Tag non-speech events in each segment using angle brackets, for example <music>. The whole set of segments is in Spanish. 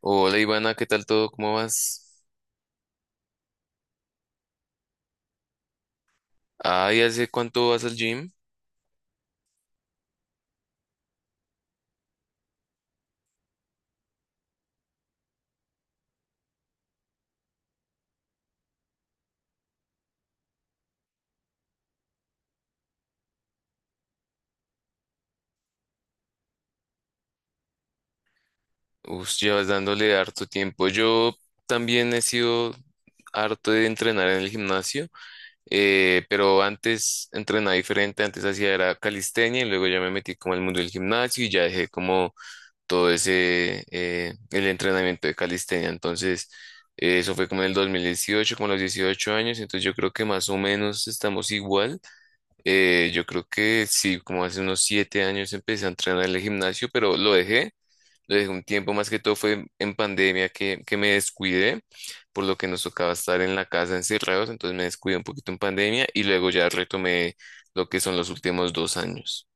Hola Ivana, ¿qué tal todo? ¿Cómo vas? Ay, ¿hace cuánto vas al gym? Uf, llevas dándole harto tiempo. Yo también he sido harto de entrenar en el gimnasio, pero antes entrenaba diferente, antes hacía era calistenia y luego ya me metí como al mundo del gimnasio y ya dejé como todo ese, el entrenamiento de calistenia. Entonces, eso fue como en el 2018, como a los 18 años, entonces yo creo que más o menos estamos igual. Yo creo que sí, como hace unos 7 años empecé a entrenar en el gimnasio, pero lo dejé un tiempo, más que todo fue en pandemia que me descuidé, por lo que nos tocaba estar en la casa encerrados, entonces me descuidé un poquito en pandemia y luego ya retomé lo que son los últimos 2 años.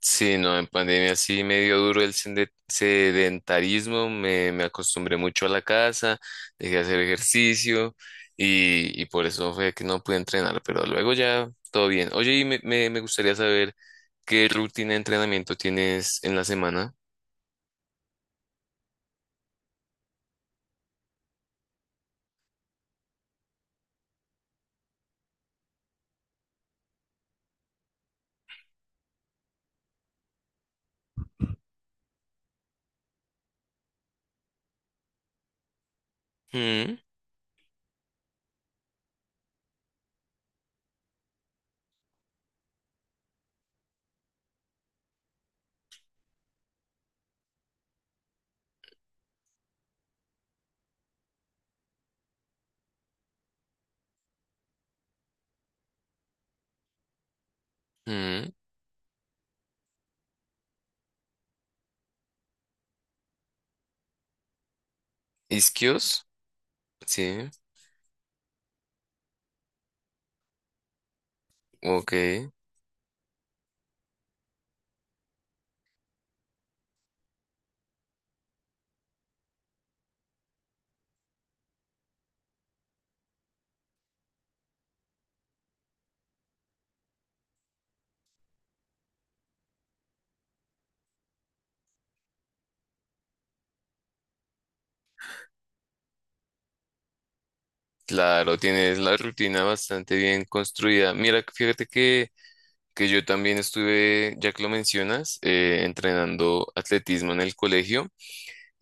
Sí, no, en pandemia sí me dio duro el sedentarismo, me acostumbré mucho a la casa, dejé de hacer ejercicio y por eso fue que no pude entrenar, pero luego ya todo bien. Oye, y me gustaría saber qué rutina de entrenamiento tienes en la semana. Mm, mm. Isquios, sí, ok, claro, tienes la rutina bastante bien construida. Mira, fíjate que yo también estuve, ya que lo mencionas, entrenando atletismo en el colegio.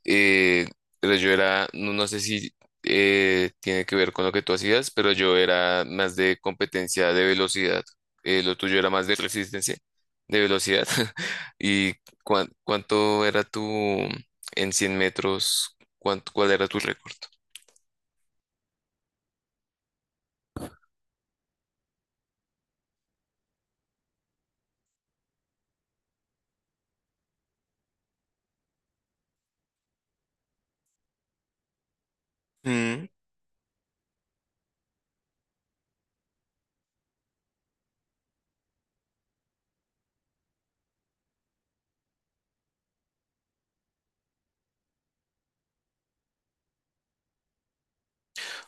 Eh, pero yo era, no, no sé si tiene que ver con lo que tú hacías, pero yo era más de competencia de velocidad. Lo tuyo era más de resistencia, de velocidad. <laughs> ¿Y cuánto era tu, en 100 metros, cuál era tu récord? Mm.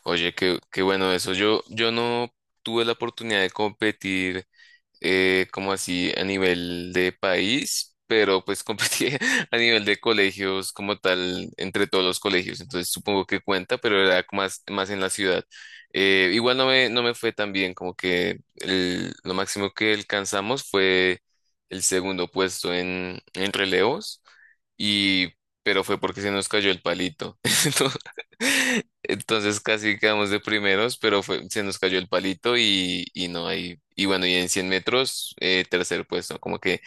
Oye, qué bueno eso. Yo no tuve la oportunidad de competir como así a nivel de país, pero pues competí <laughs> a nivel de colegios como tal, entre todos los colegios, entonces supongo que cuenta, pero era como más, más en la ciudad. Igual no me fue tan bien, como que lo máximo que alcanzamos fue el segundo puesto en relevos, y, pero fue porque se nos cayó el palito. <laughs> Entonces, entonces casi quedamos de primeros, pero fue, se nos cayó el palito y no hay. Y bueno, y en 100 metros, tercer puesto. Como que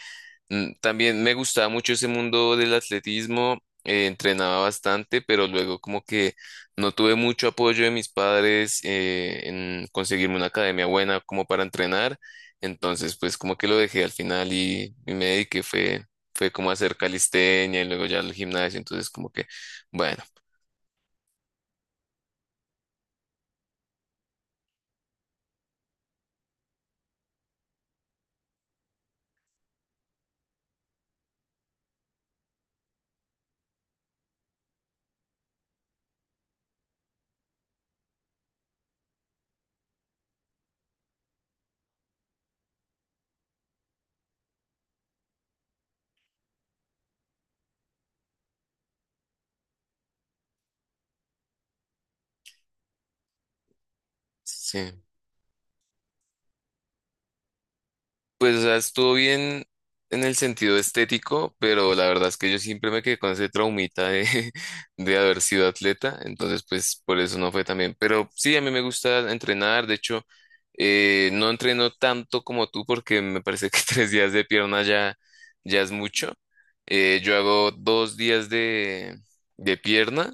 también me gustaba mucho ese mundo del atletismo, entrenaba bastante, pero luego como que no tuve mucho apoyo de mis padres en conseguirme una academia buena como para entrenar. Entonces, pues como que lo dejé al final y me dediqué, fue como a hacer calistenia y luego ya al gimnasio. Entonces, como que, bueno, sí. Pues, o sea, estuvo bien en el sentido estético, pero la verdad es que yo siempre me quedé con ese traumita de, <laughs> de haber sido atleta, entonces pues por eso no fue tan bien. Pero sí, a mí me gusta entrenar, de hecho, no entreno tanto como tú porque me parece que <laughs> 3 días de pierna ya es mucho. Yo hago 2 días de pierna,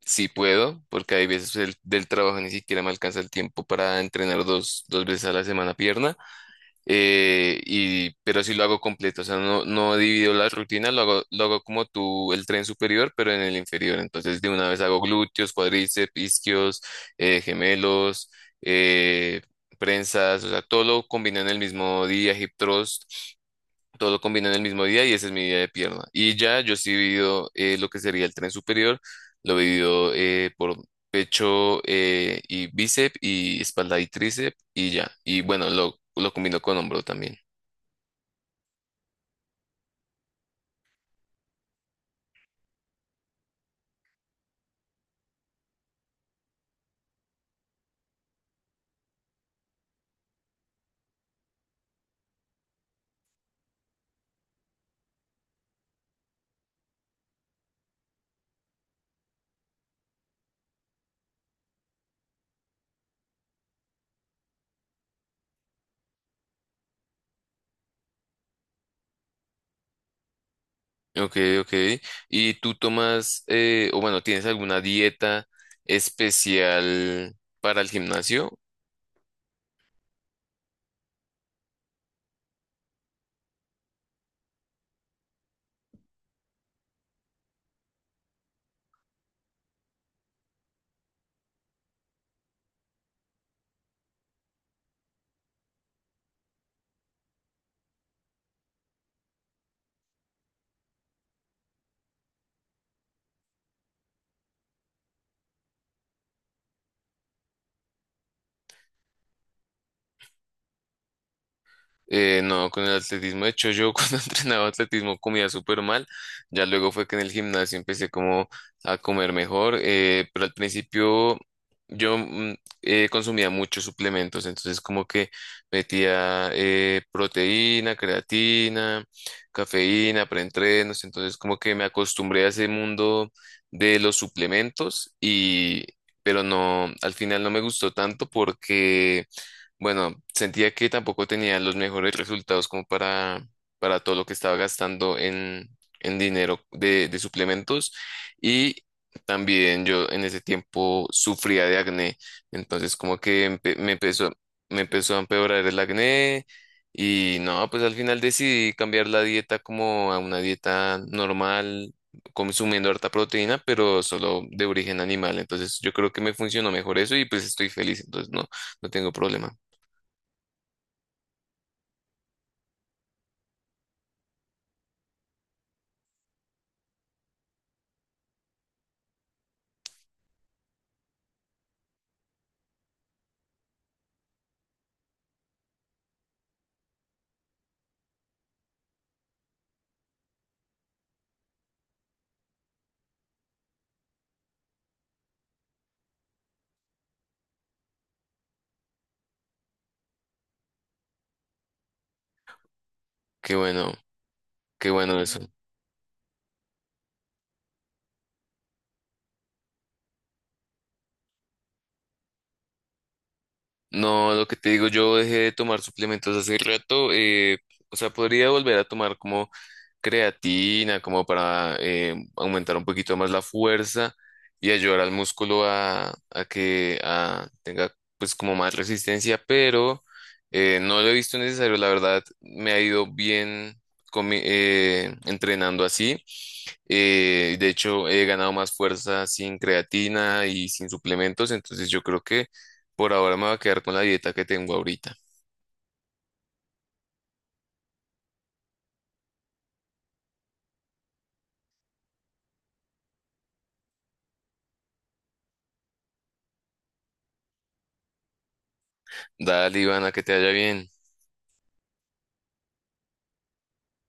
si puedo, porque hay veces pues, del trabajo ni siquiera me alcanza el tiempo para entrenar dos veces a la semana pierna pero sí lo hago completo, o sea, no divido la rutina, lo hago como tú, el tren superior, pero en el inferior. Entonces, de una vez hago glúteos, cuádriceps, isquios, gemelos, eh, prensas, o sea, todo lo combino en el mismo día, hip thrust. Todo combina en el mismo día y ese es mi día de pierna. Y ya yo sí divido lo que sería el tren superior, lo divido por pecho y bíceps y espalda y tríceps y ya. Y bueno, lo combino con hombro también. Ok, ok. ¿Y tú tomas, o bueno, tienes alguna dieta especial para el gimnasio? No, con el atletismo, de hecho yo <laughs> cuando entrenaba atletismo comía súper mal, ya luego fue que en el gimnasio empecé como a comer mejor, pero al principio yo consumía muchos suplementos, entonces como que metía proteína, creatina, cafeína, preentrenos, entonces como que me acostumbré a ese mundo de los suplementos y. Pero no, al final no me gustó tanto porque bueno, sentía que tampoco tenía los mejores resultados como para todo lo que estaba gastando en dinero de suplementos y también yo en ese tiempo sufría de acné, entonces como que me empezó a empeorar el acné y no, pues al final decidí cambiar la dieta como a una dieta normal, consumiendo harta proteína, pero solo de origen animal, entonces yo creo que me funcionó mejor eso y pues estoy feliz, entonces no, no tengo problema. Qué bueno, qué bueno eso. No, lo que te digo, yo dejé de tomar suplementos hace rato, o sea, podría volver a tomar como creatina como para aumentar un poquito más la fuerza y ayudar al músculo a que tenga pues como más resistencia, pero no lo he visto necesario, la verdad me ha ido bien con entrenando así. De hecho, he ganado más fuerza sin creatina y sin suplementos, entonces yo creo que por ahora me voy a quedar con la dieta que tengo ahorita. Dale, Ivana, que te vaya bien.